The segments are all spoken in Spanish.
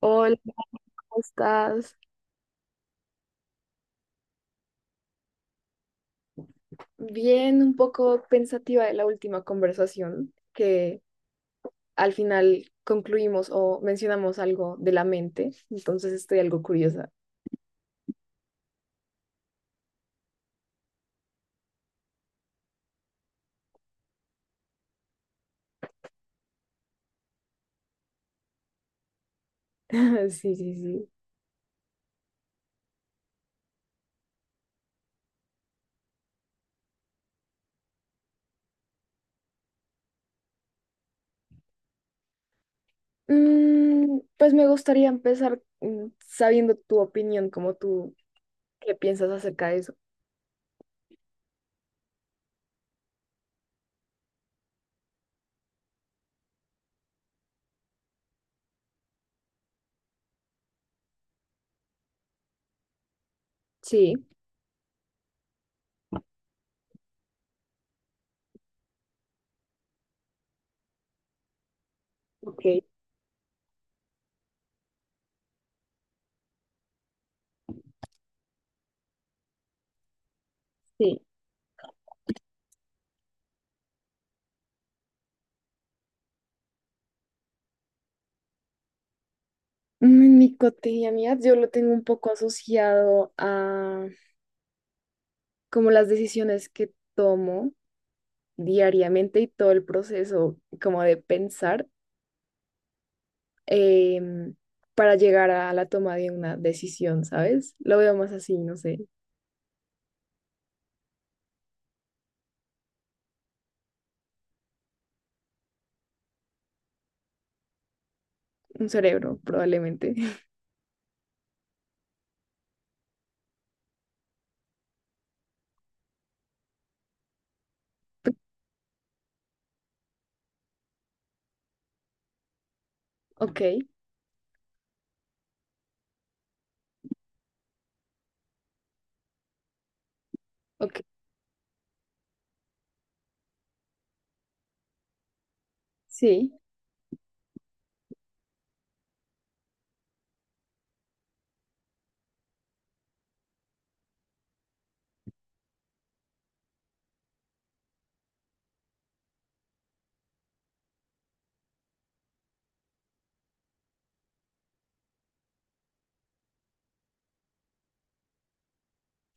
Hola, ¿cómo estás? Bien, un poco pensativa de la última conversación, que al final concluimos o mencionamos algo de la mente, entonces estoy algo curiosa. Sí, sí, sí. Pues me gustaría empezar sabiendo tu opinión, como tú, qué piensas acerca de eso. Sí, ok, sí. En mi cotidianidad yo lo tengo un poco asociado a como las decisiones que tomo diariamente y todo el proceso como de pensar em, para llegar a la toma de una decisión, ¿sabes? Lo veo más así, no sé, un cerebro probablemente. Ok, ok, sí,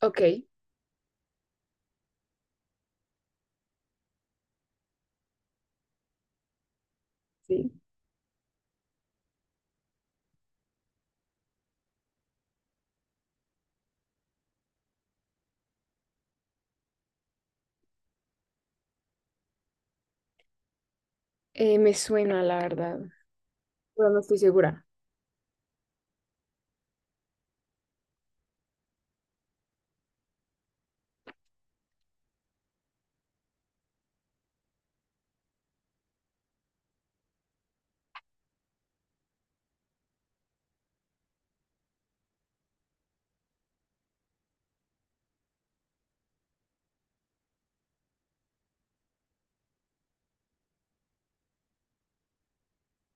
ok, sí. Me suena, la verdad, pero no estoy segura.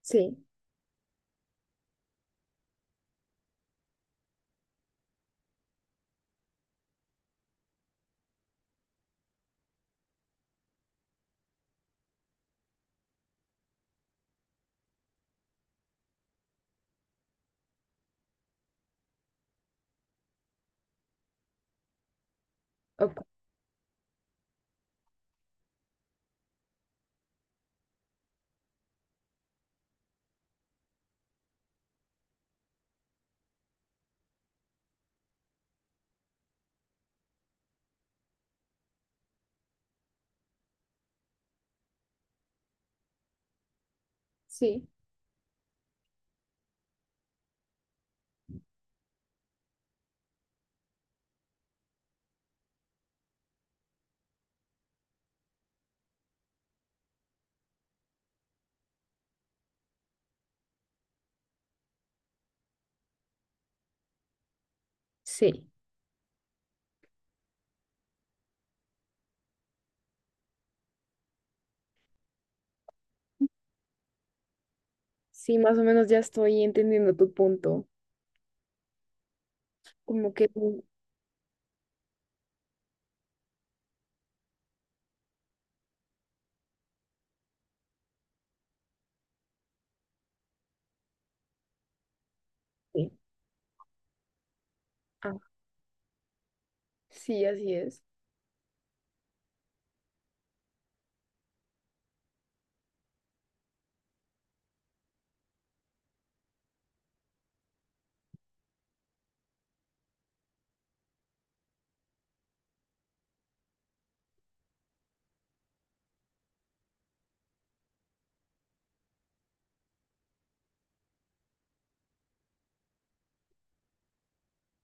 Sí, ok, sí, sí. Sí, más o menos ya estoy entendiendo tu punto. Como que sí. Ah, sí, así es.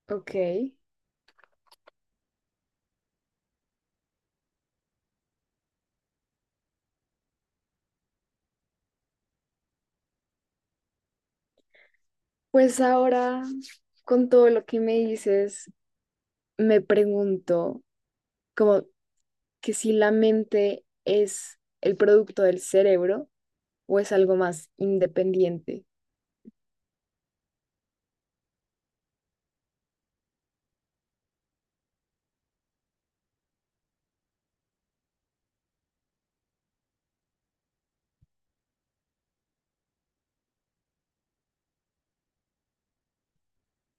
Ok. Pues ahora, con todo lo que me dices, me pregunto como que si la mente es el producto del cerebro o es algo más independiente.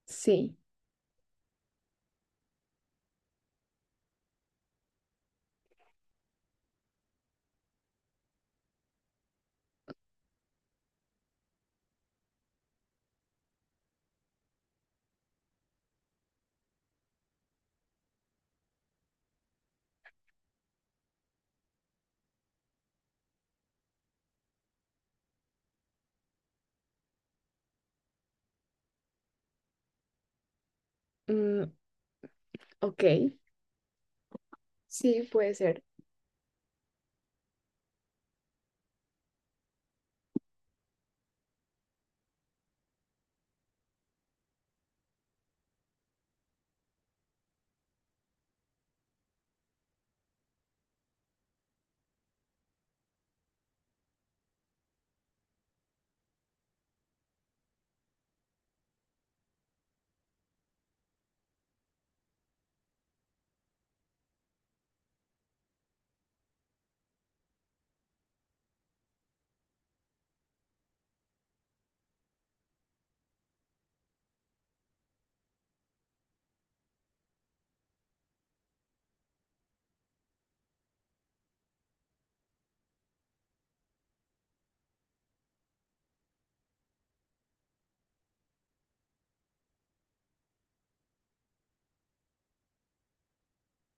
Sí. Mm, ok. Sí, puede ser.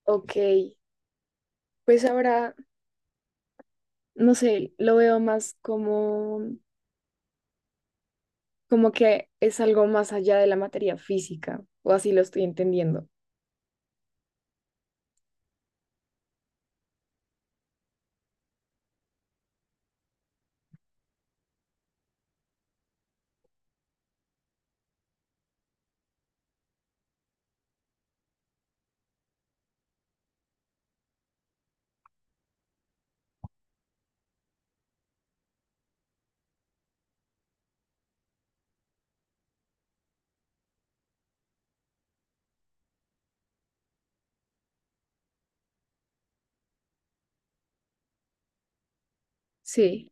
Ok. Pues ahora, no sé, lo veo más como, como que es algo más allá de la materia física, o así lo estoy entendiendo. Sí.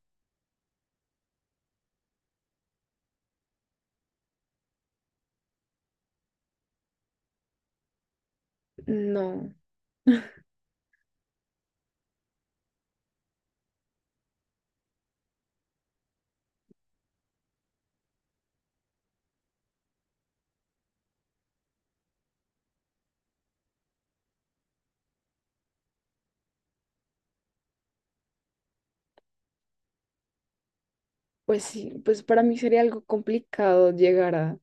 No. Pues sí, pues para mí sería algo complicado llegar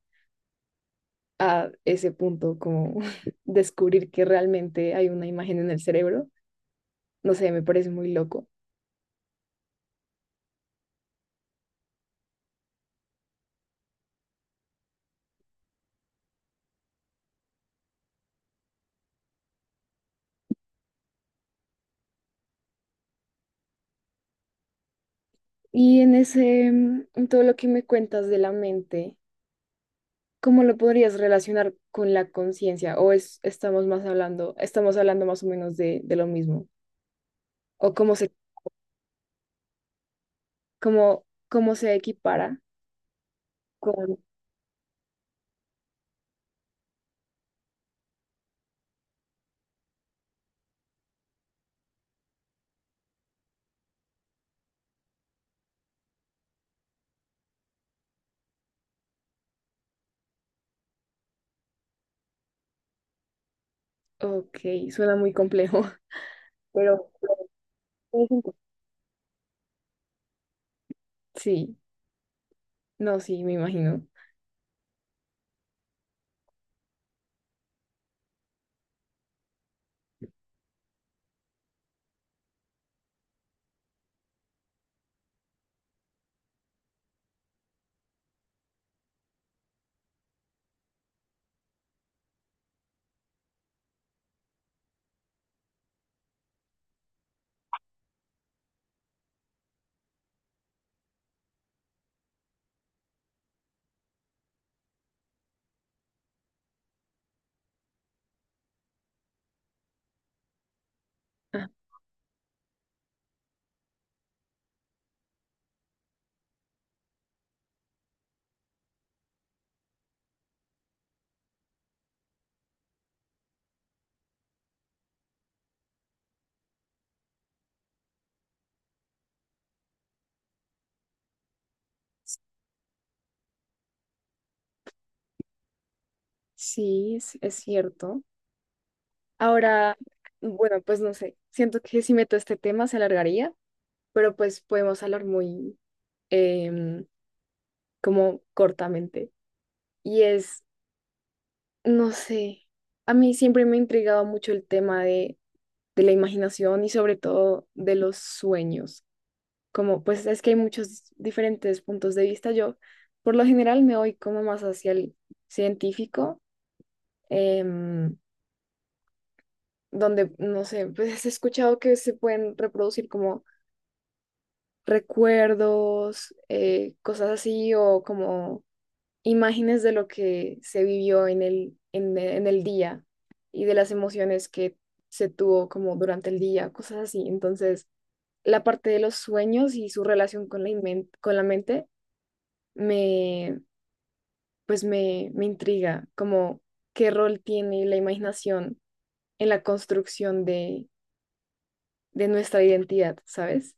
a ese punto, como descubrir que realmente hay una imagen en el cerebro. No sé, me parece muy loco. Y en ese, en todo lo que me cuentas de la mente, ¿cómo lo podrías relacionar con la conciencia? ¿O es, estamos más hablando, estamos hablando más o menos de lo mismo? ¿O cómo se, cómo, cómo se equipara con... Ok, suena muy complejo, pero... Sí, no, sí, me imagino. Sí, es cierto. Ahora, bueno, pues no sé, siento que si meto este tema se alargaría, pero pues podemos hablar muy em, como cortamente. Y es, no sé, a mí siempre me ha intrigado mucho el tema de la imaginación y sobre todo de los sueños. Como pues es que hay muchos diferentes puntos de vista. Yo por lo general me voy como más hacia el científico. em, Donde, no sé, pues he escuchado que se pueden reproducir como recuerdos, cosas así, o como imágenes de lo que se vivió en el, en, en el día y de las emociones que se tuvo como durante el día, cosas así. Entonces, la parte de los sueños y su relación con la, con la mente me, pues me intriga, como qué rol tiene la imaginación en la construcción de nuestra identidad, ¿sabes?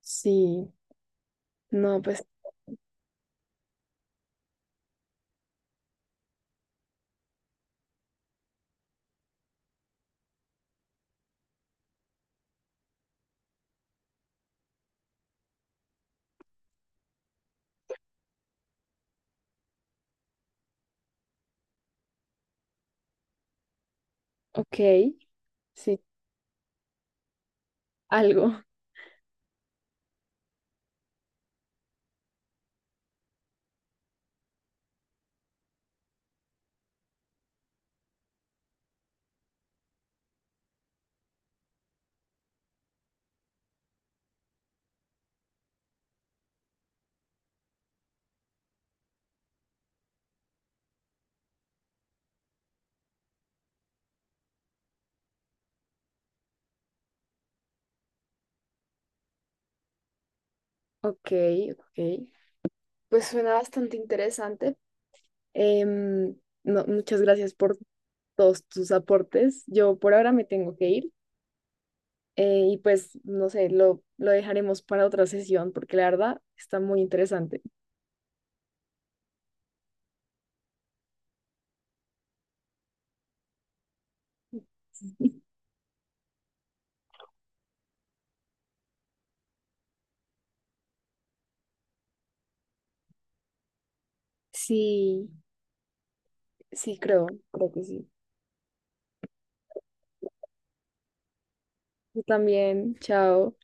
Sí, no, pues, ok, sí, algo, ok, ok. Pues suena bastante interesante. Em, no, muchas gracias por todos tus aportes. Yo por ahora me tengo que ir y pues, no sé, lo dejaremos para otra sesión porque la verdad está muy interesante. Sí, sí, creo, creo que sí. Yo también, chao.